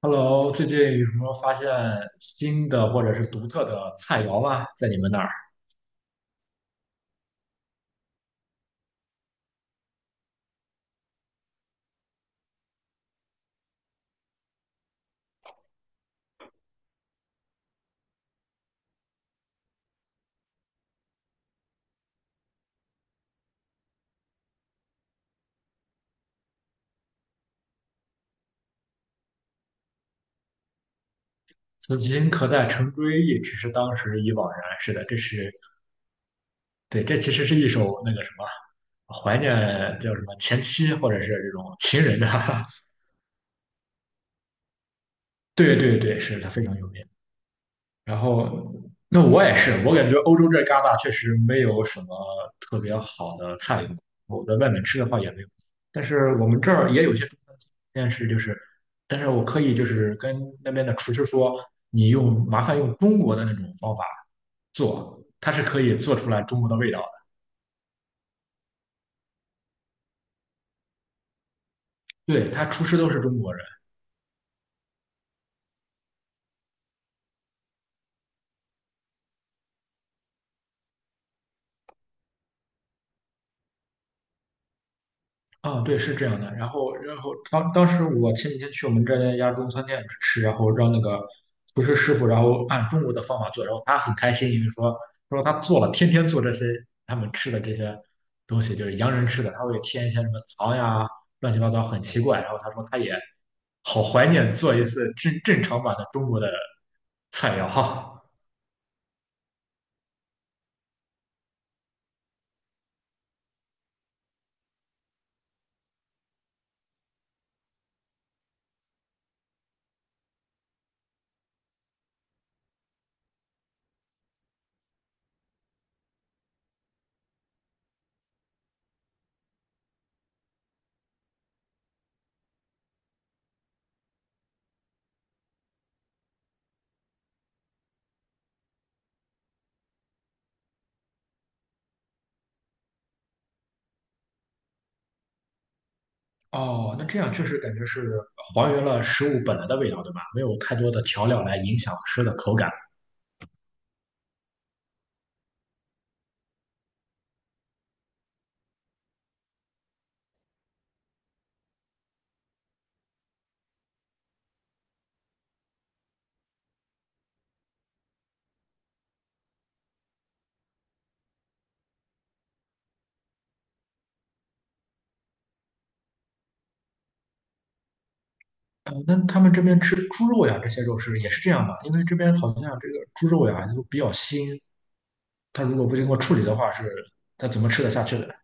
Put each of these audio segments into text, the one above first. Hello，最近有什么发现新的或者是独特的菜肴吗？在你们那儿，此情可待成追忆，只是当时已惘然。是的，这是其实是一首那个什么怀念叫什么前妻或者是这种情人的。对对对，是的，非常有名。然后，那我也是，我感觉欧洲这旮沓确实没有什么特别好的菜品，我在外面吃的话也没有。但是我们这儿也有一些中餐厅，但是我可以跟那边的厨师说，你麻烦用中国的那种方法做，它是可以做出来中国的味道的。对，他厨师都是中国人。啊，对，是这样的。当时我前几天去我们一家中餐店吃，然后让那个厨师师傅，然后按中国的方法做，然后他很开心，因为说他做了，天天做这些他们吃的这些东西，就是洋人吃的，他会添一些什么糖呀，乱七八糟，很奇怪。然后他说他也好怀念做一次正常版的中国的菜肴哈。哦，那这样确实感觉是还原了食物本来的味道，对吧？没有太多的调料来影响吃的口感。那他们这边吃猪肉呀，这些肉是也是这样吧？因为这边好像这个猪肉呀都比较腥，它如果不经过处理的话它怎么吃得下去的？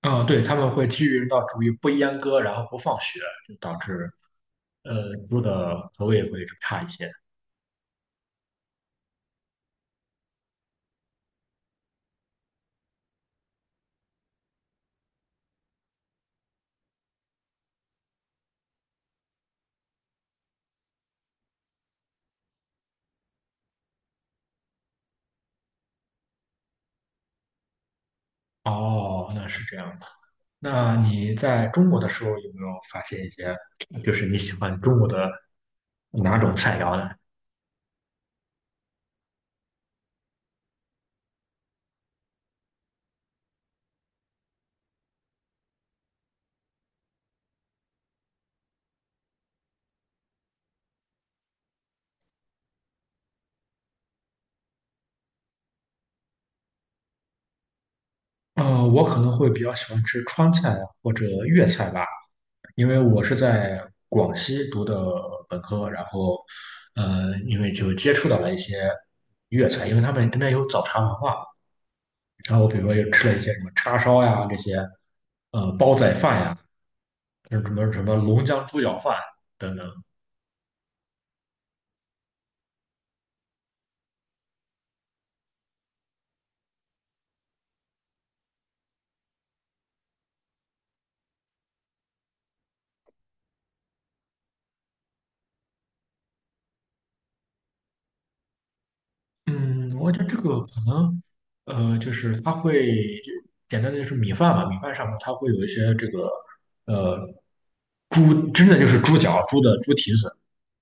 啊、对，他们会基于人道主义不阉割，然后不放血，就导致猪的口味会差一些。哦，那是这样的。那你在中国的时候有没有发现一些，就是你喜欢中国的哪种菜肴呢？我可能会比较喜欢吃川菜或者粤菜吧。因为我是在广西读的本科，因为就接触到了一些粤菜，因为他们那边有早茶文化，然后我比如说又吃了一些什么叉烧呀，这些，呃，煲仔饭呀，什么龙江猪脚饭等等。嗯，我觉得这个可能，就是它会就简单的就是米饭嘛，米饭上面它会有一些这个，呃，猪真的就是猪脚、猪蹄子，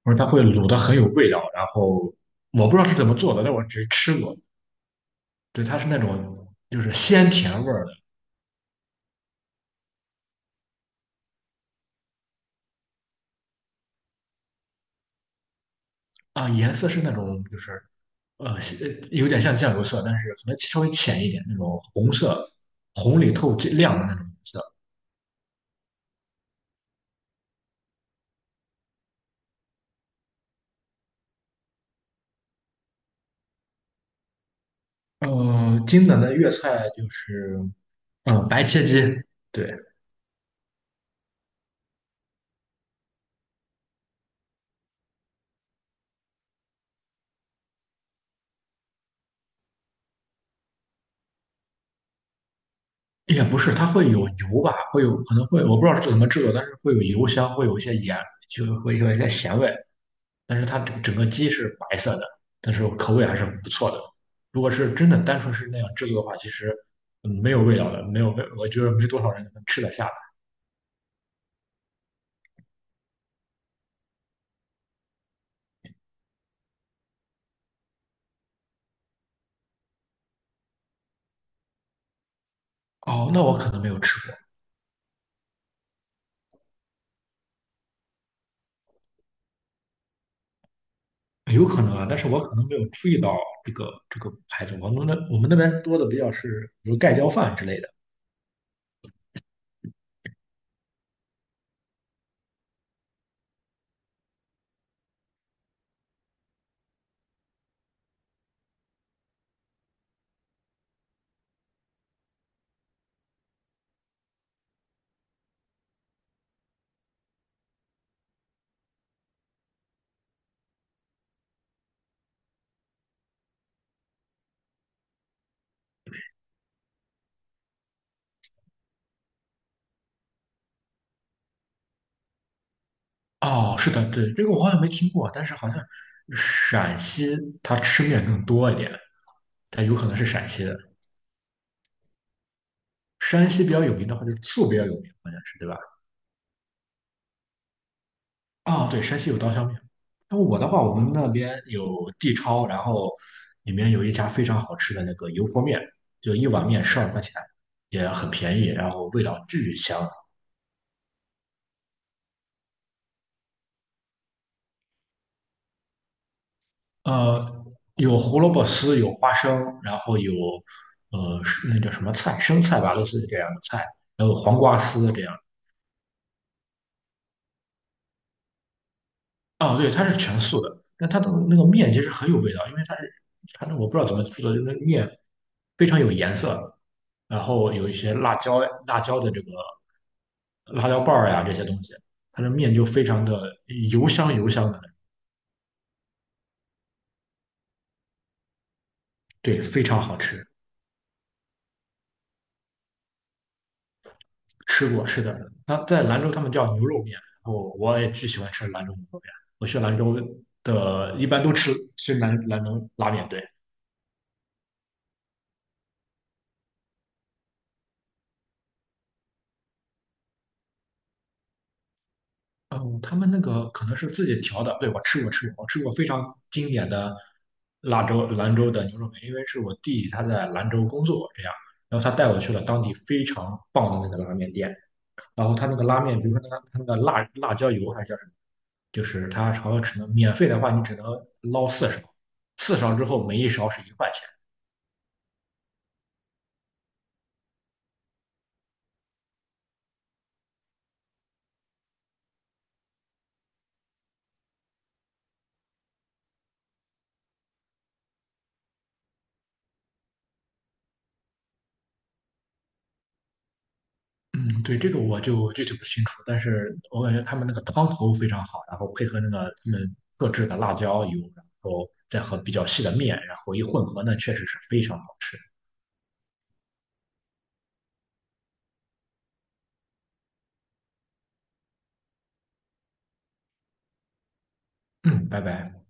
或者它会卤的很有味道。然后我不知道是怎么做的，但我只是吃过，对，它是那种就是鲜甜味儿的。啊，颜色是那种就是有点像酱油色，但是可能稍微浅一点那种红色，红里透亮的那种色。经典的粤菜就是，嗯，白切鸡，对，也不是，它会有油吧，可能会，我不知道是怎么制作，但是会有油香，会有一些盐，就会有一些咸味，但是它整个鸡是白色的，但是口味还是不错的。如果是真的单纯是那样制作的话，其实没有味道的，没有味，我觉得没多少人能吃得下的。哦，那我可能没有吃过，有可能啊，但是我可能没有注意到这个牌子，我们那边多的比较是比如盖浇饭之类的。哦，是的，对，这个我好像没听过，但是好像陕西它吃面更多一点，它有可能是陕西的。山西比较有名的话，就是醋比较有名，好像是对吧？啊、对，山西有刀削面。那我的话，我们那边有地超，然后里面有一家非常好吃的那个油泼面，就一碗面12块钱，也很便宜，然后味道巨香。呃，有胡萝卜丝，有花生，然后有那叫什么菜，生菜吧，类似于这样的菜，还有黄瓜丝这样。哦，对，它是全素的，但它的那个面其实很有味道，因为它是它那我不知道怎么做的，就是那个面非常有颜色，然后有一些辣椒的这个辣椒瓣儿呀这些东西，它的面就非常的油香的，对，非常好吃。吃过，是的，它在兰州他们叫牛肉面，我也巨喜欢吃兰州牛肉面。我去兰州的，一般都吃兰州拉面，对。嗯，他们那个可能是自己调的，对，我吃过吃过，我吃过非常经典的兰州的牛肉面，因为是我弟他在兰州工作这样，然后他带我去了当地非常棒的那个拉面店。然后它那个拉面，比如说它那个辣椒油还是叫什么，就是它好像只能免费的话，你只能捞四勺，四勺之后每1勺是1块钱。嗯，对，这个我就具体不清楚，但是我感觉他们那个汤头非常好，然后配合那个他们特制的辣椒油，然后再和比较细的面，然后一混合呢，确实是非常好吃。嗯，拜拜。